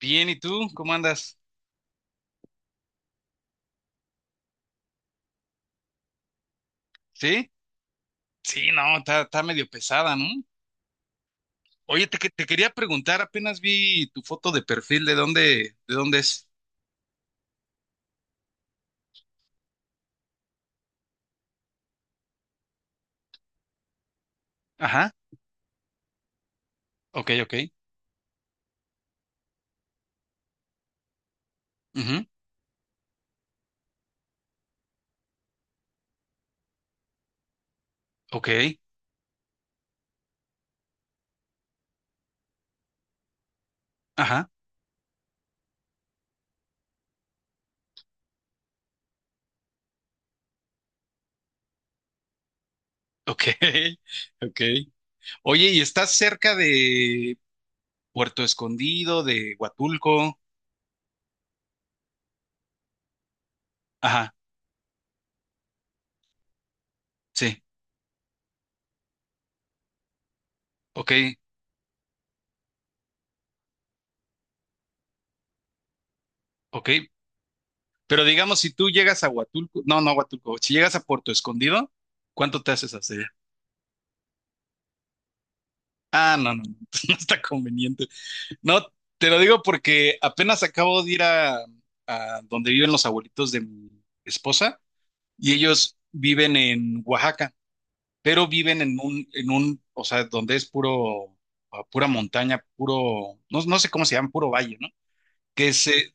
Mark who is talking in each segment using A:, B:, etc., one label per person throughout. A: Bien, ¿y tú? ¿Cómo andas? ¿Sí? Sí, no, está medio pesada, ¿no? Oye, te quería preguntar, apenas vi tu foto de perfil, ¿de dónde es? Ajá, ok, ok. Ujú, ok, ajá, ok, ok. Oye, ¿y estás cerca de Puerto Escondido, de Huatulco? Ajá, sí, ok, ok. Pero digamos, si tú llegas a Huatulco, no, no a Huatulco, si llegas a Puerto Escondido, ¿cuánto te haces hacia allá? Ah, no, no, no, no está conveniente. No, te lo digo porque apenas acabo de ir a donde viven los abuelitos de mi esposa y ellos viven en Oaxaca, pero viven en un, o sea, donde es puro, ah, pura montaña, puro, no, no sé cómo se llama, puro valle, ¿no? Que se,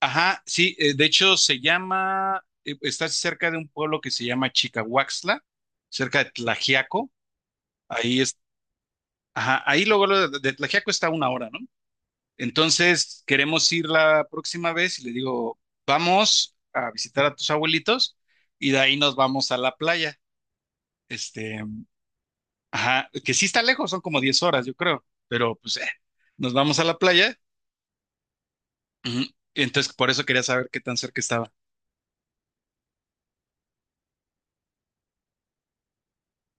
A: ajá, sí, de hecho se llama, está cerca de un pueblo que se llama Chicahuaxtla, cerca de Tlajiaco, ahí es, ajá, ahí luego luego de Tlajiaco está a una hora, ¿no? Entonces, queremos ir la próxima vez y le digo, vamos a visitar a tus abuelitos y de ahí nos vamos a la playa. Este, ajá, que sí está lejos, son como 10 horas, yo creo, pero pues nos vamos a la playa. Ujú. Entonces, por eso quería saber qué tan cerca estaba.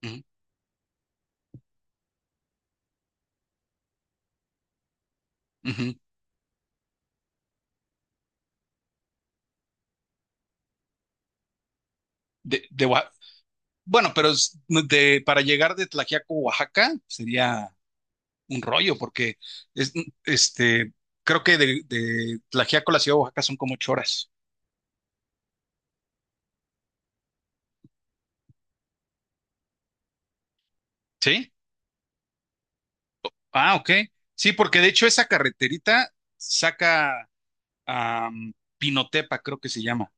A: Ujú, ujú. De, de Oa- bueno, pero no, para llegar de Tlaxiaco, Oaxaca, sería un rollo, porque es, este, creo que de Tlaxiaco a la ciudad de Oaxaca son como 8 horas. ¿Sí? Ah, ok. Sí, porque de hecho esa carreterita saca a Pinotepa, creo que se llama.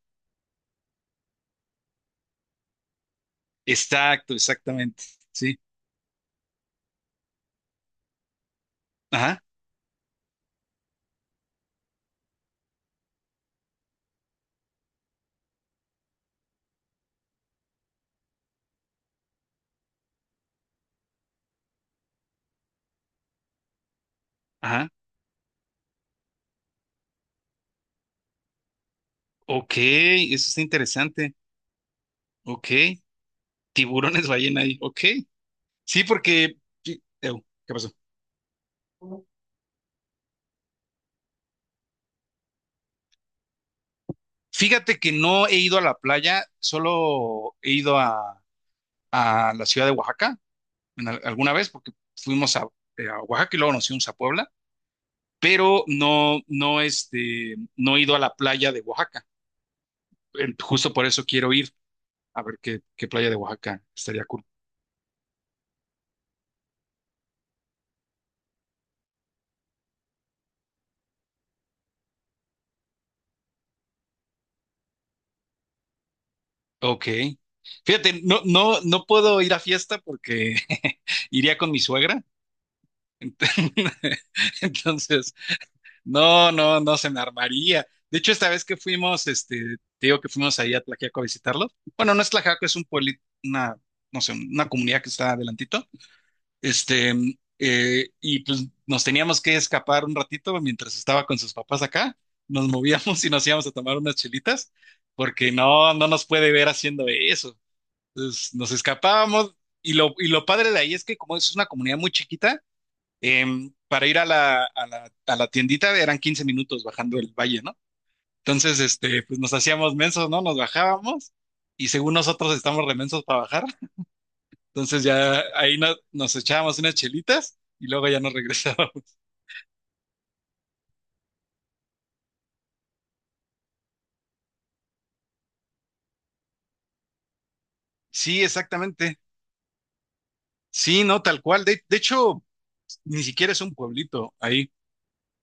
A: Exacto, exactamente. Sí. Ajá, ajá. Ok, eso está interesante. Ok. Tiburones ballena ahí. Ok. Sí, porque, sí. Ew, ¿qué pasó? Fíjate que no he ido a la playa, solo he ido a la ciudad de Oaxaca alguna vez porque fuimos a Oaxaca y luego nos fuimos a Puebla, pero no, no, no he ido a la playa de Oaxaca. Justo por eso quiero ir a ver qué playa de Oaxaca estaría cool. Ok. Fíjate, no, no, no puedo ir a fiesta porque iría con mi suegra. Entonces, no, no, no se me armaría. De hecho, esta vez que fuimos, te digo que fuimos ahí a Tlaxiaco a visitarlos. Bueno, no es Tlaxiaco, es un pueblo, una, no sé, una comunidad que está adelantito. Este, y pues nos teníamos que escapar un ratito mientras estaba con sus papás acá. Nos movíamos y nos íbamos a tomar unas chelitas, porque no, no nos puede ver haciendo eso. Entonces nos escapábamos y lo padre de ahí es que como es una comunidad muy chiquita, para ir a la tiendita eran 15 minutos bajando el valle, ¿no? Entonces, pues nos hacíamos mensos, ¿no? Nos bajábamos y según nosotros estamos remensos para bajar, entonces ya ahí nos echábamos unas chelitas y luego ya nos regresábamos. Sí, exactamente. Sí, no, tal cual. De hecho, ni siquiera es un pueblito ahí.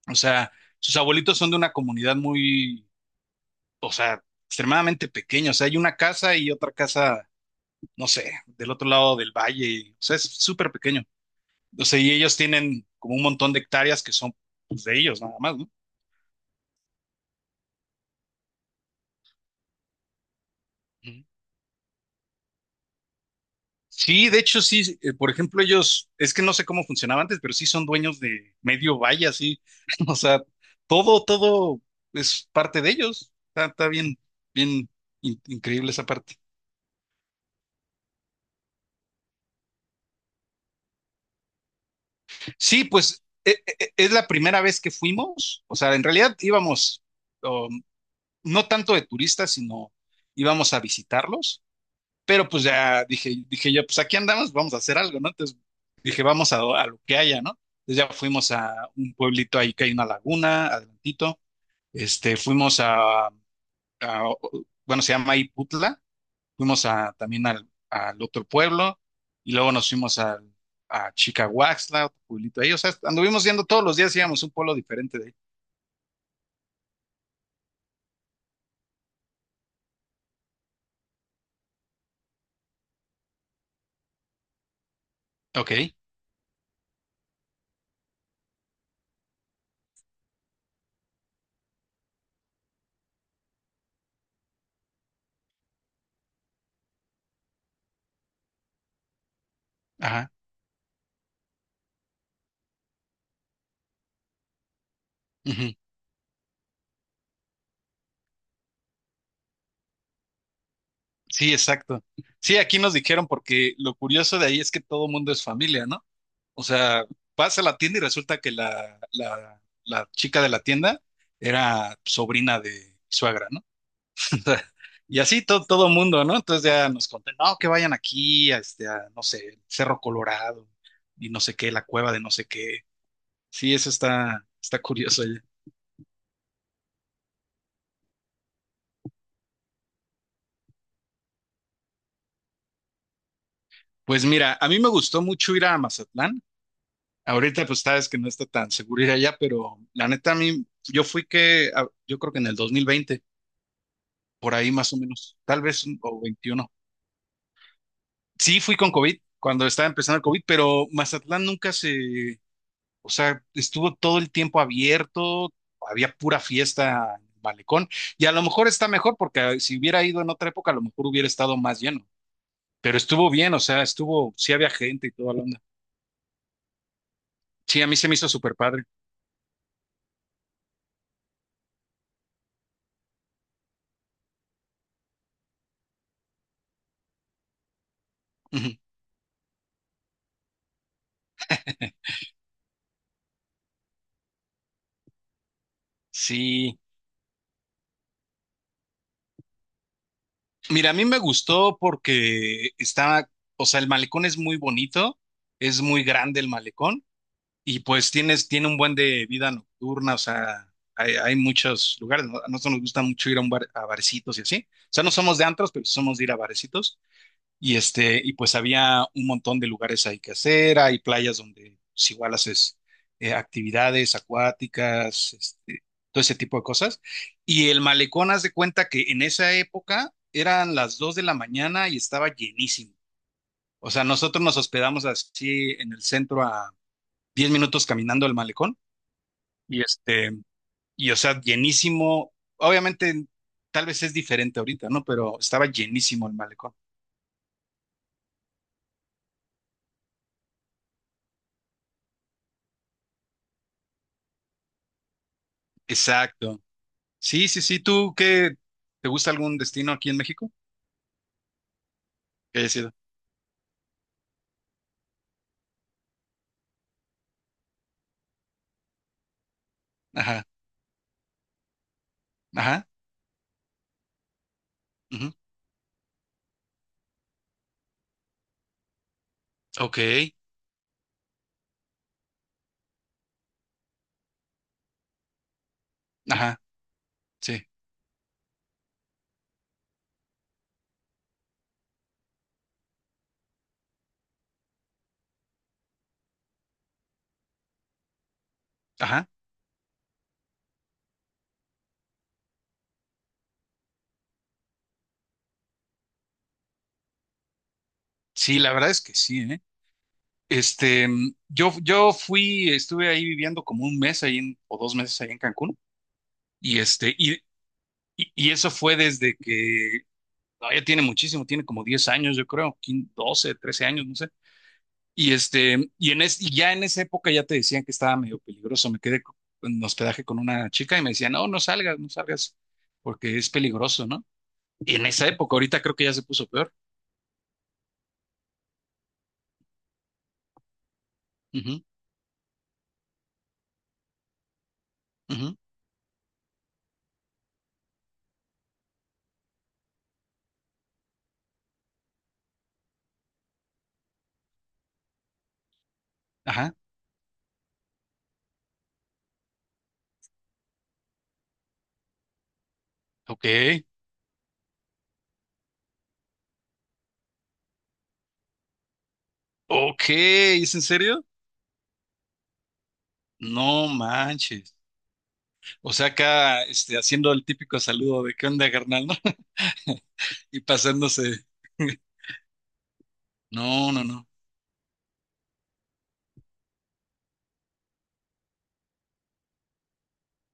A: O sea, sus abuelitos son de una comunidad muy, o sea, extremadamente pequeña. O sea, hay una casa y otra casa, no sé, del otro lado del valle. O sea, es súper pequeño. O sea, y ellos tienen como un montón de hectáreas que son pues, de ellos nada más, ¿no? Sí, de hecho, sí. Por ejemplo, ellos, es que no sé cómo funcionaba antes, pero sí son dueños de medio valle, sí. O sea, todo es parte de ellos. Está bien, bien increíble esa parte. Sí, pues es la primera vez que fuimos. O sea, en realidad íbamos, um, no tanto de turistas, sino íbamos a visitarlos. Pero pues ya dije, dije yo, pues aquí andamos, vamos a hacer algo, ¿no? Entonces dije, vamos a lo que haya, ¿no? Entonces ya fuimos a un pueblito ahí que hay una laguna, adelantito. Fuimos a- bueno, se llama Iputla. Fuimos también al otro pueblo y luego nos fuimos a Chicahuaxtla, otro pueblito ahí. O sea, anduvimos yendo todos los días, íbamos a un pueblo diferente de ahí. Ok, ajá. Ujú. Sí, exacto. Sí, aquí nos dijeron porque lo curioso de ahí es que todo mundo es familia, ¿no? O sea, vas a la tienda y resulta que la chica de la tienda era sobrina de mi suegra, ¿no? Y así todo mundo, ¿no? Entonces ya nos conté, no, que vayan aquí, a este, a, no sé, el Cerro Colorado y no sé qué, la cueva de no sé qué. Sí, eso está, está curioso ya. Pues mira, a mí me gustó mucho ir a Mazatlán. Ahorita pues sabes que no está tan seguro ir allá, pero la neta a mí, yo creo que en el 2020, por ahí más o menos, tal vez o 21. Sí, fui con COVID cuando estaba empezando el COVID, pero Mazatlán nunca se, o sea, estuvo todo el tiempo abierto, había pura fiesta en el malecón, y a lo mejor está mejor porque si hubiera ido en otra época, a lo mejor hubiera estado más lleno, pero estuvo bien, o sea, estuvo, sí había gente y toda la onda. Sí, a mí se me hizo súper padre. Ujú. Sí, mira, a mí me gustó porque estaba, o sea, el malecón es muy bonito, es muy grande el malecón. Y pues tiene un buen de vida nocturna, o sea, hay muchos lugares, ¿no? A nosotros nos gusta mucho ir a barecitos y así. O sea, no somos de antros, pero sí somos de ir a barecitos. Y pues había un montón de lugares ahí que hacer, hay playas donde pues, igual haces actividades acuáticas, todo ese tipo de cosas. Y el malecón, haz de cuenta que en esa época eran las 2 de la mañana y estaba llenísimo. O sea, nosotros nos hospedamos así en el centro a 10 minutos caminando al malecón y este, y o sea, llenísimo. Obviamente, tal vez es diferente ahorita, ¿no? Pero estaba llenísimo el malecón. Exacto. Sí, sí, sí. ¿Tú qué? ¿Te gusta algún destino aquí en México? Que haya sido. Ajá, ajá. Ujú, ok. Ajá, sí. Ajá. Sí, la verdad es que sí, ¿eh? Yo fui, estuve ahí viviendo como un mes ahí o 2 meses ahí en Cancún. Y este, y, y eso fue desde que no, ya tiene muchísimo, tiene como 10 años, yo creo, 15, 12, 13 años, no sé. Y ya en esa época ya te decían que estaba medio peligroso. Me quedé en hospedaje con una chica y me decía, no, no salgas, no salgas, porque es peligroso, ¿no? Y en esa época, ahorita creo que ya se puso peor. Ujú, ujú, ajá, ok, ok, ¿es en serio? No manches. O sea, acá, haciendo el típico saludo de ¿qué onda, carnal?, ¿no? Y pasándose. No, no, no.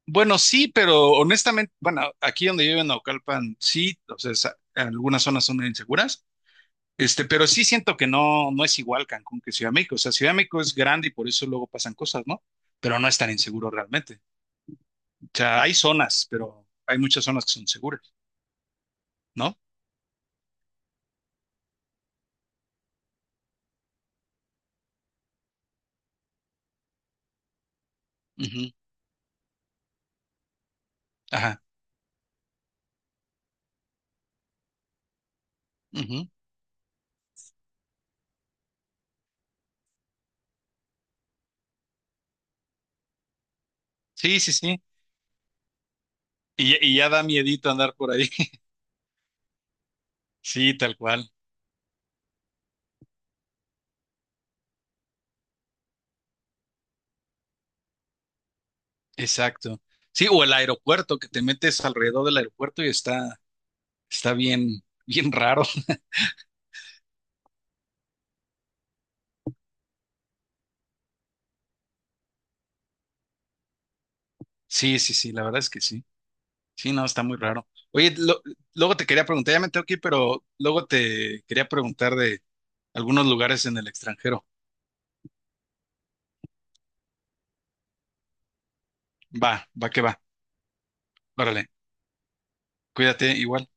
A: Bueno, sí, pero honestamente, bueno, aquí donde yo vivo en Naucalpan, sí, o sea, algunas zonas son inseguras, pero sí siento que no, no es igual Cancún que Ciudad de México. O sea, Ciudad de México es grande y por eso luego pasan cosas, ¿no? Pero no es tan inseguro realmente. O sea, hay zonas, pero hay muchas zonas que son seguras, ¿no? Ujú, ajá. Ujú. Sí, sí, sí. Y ya, y ya da miedito andar por ahí. Sí, tal cual. Exacto. Sí, o el aeropuerto, que te metes alrededor del aeropuerto y está, está bien, bien raro. Sí, sí, sí, la verdad es que sí. Sí, no, está muy raro. Oye, luego te quería preguntar, ya me tengo que ir, pero luego te quería preguntar de algunos lugares en el extranjero. Va, va que va. Órale, cuídate, igual.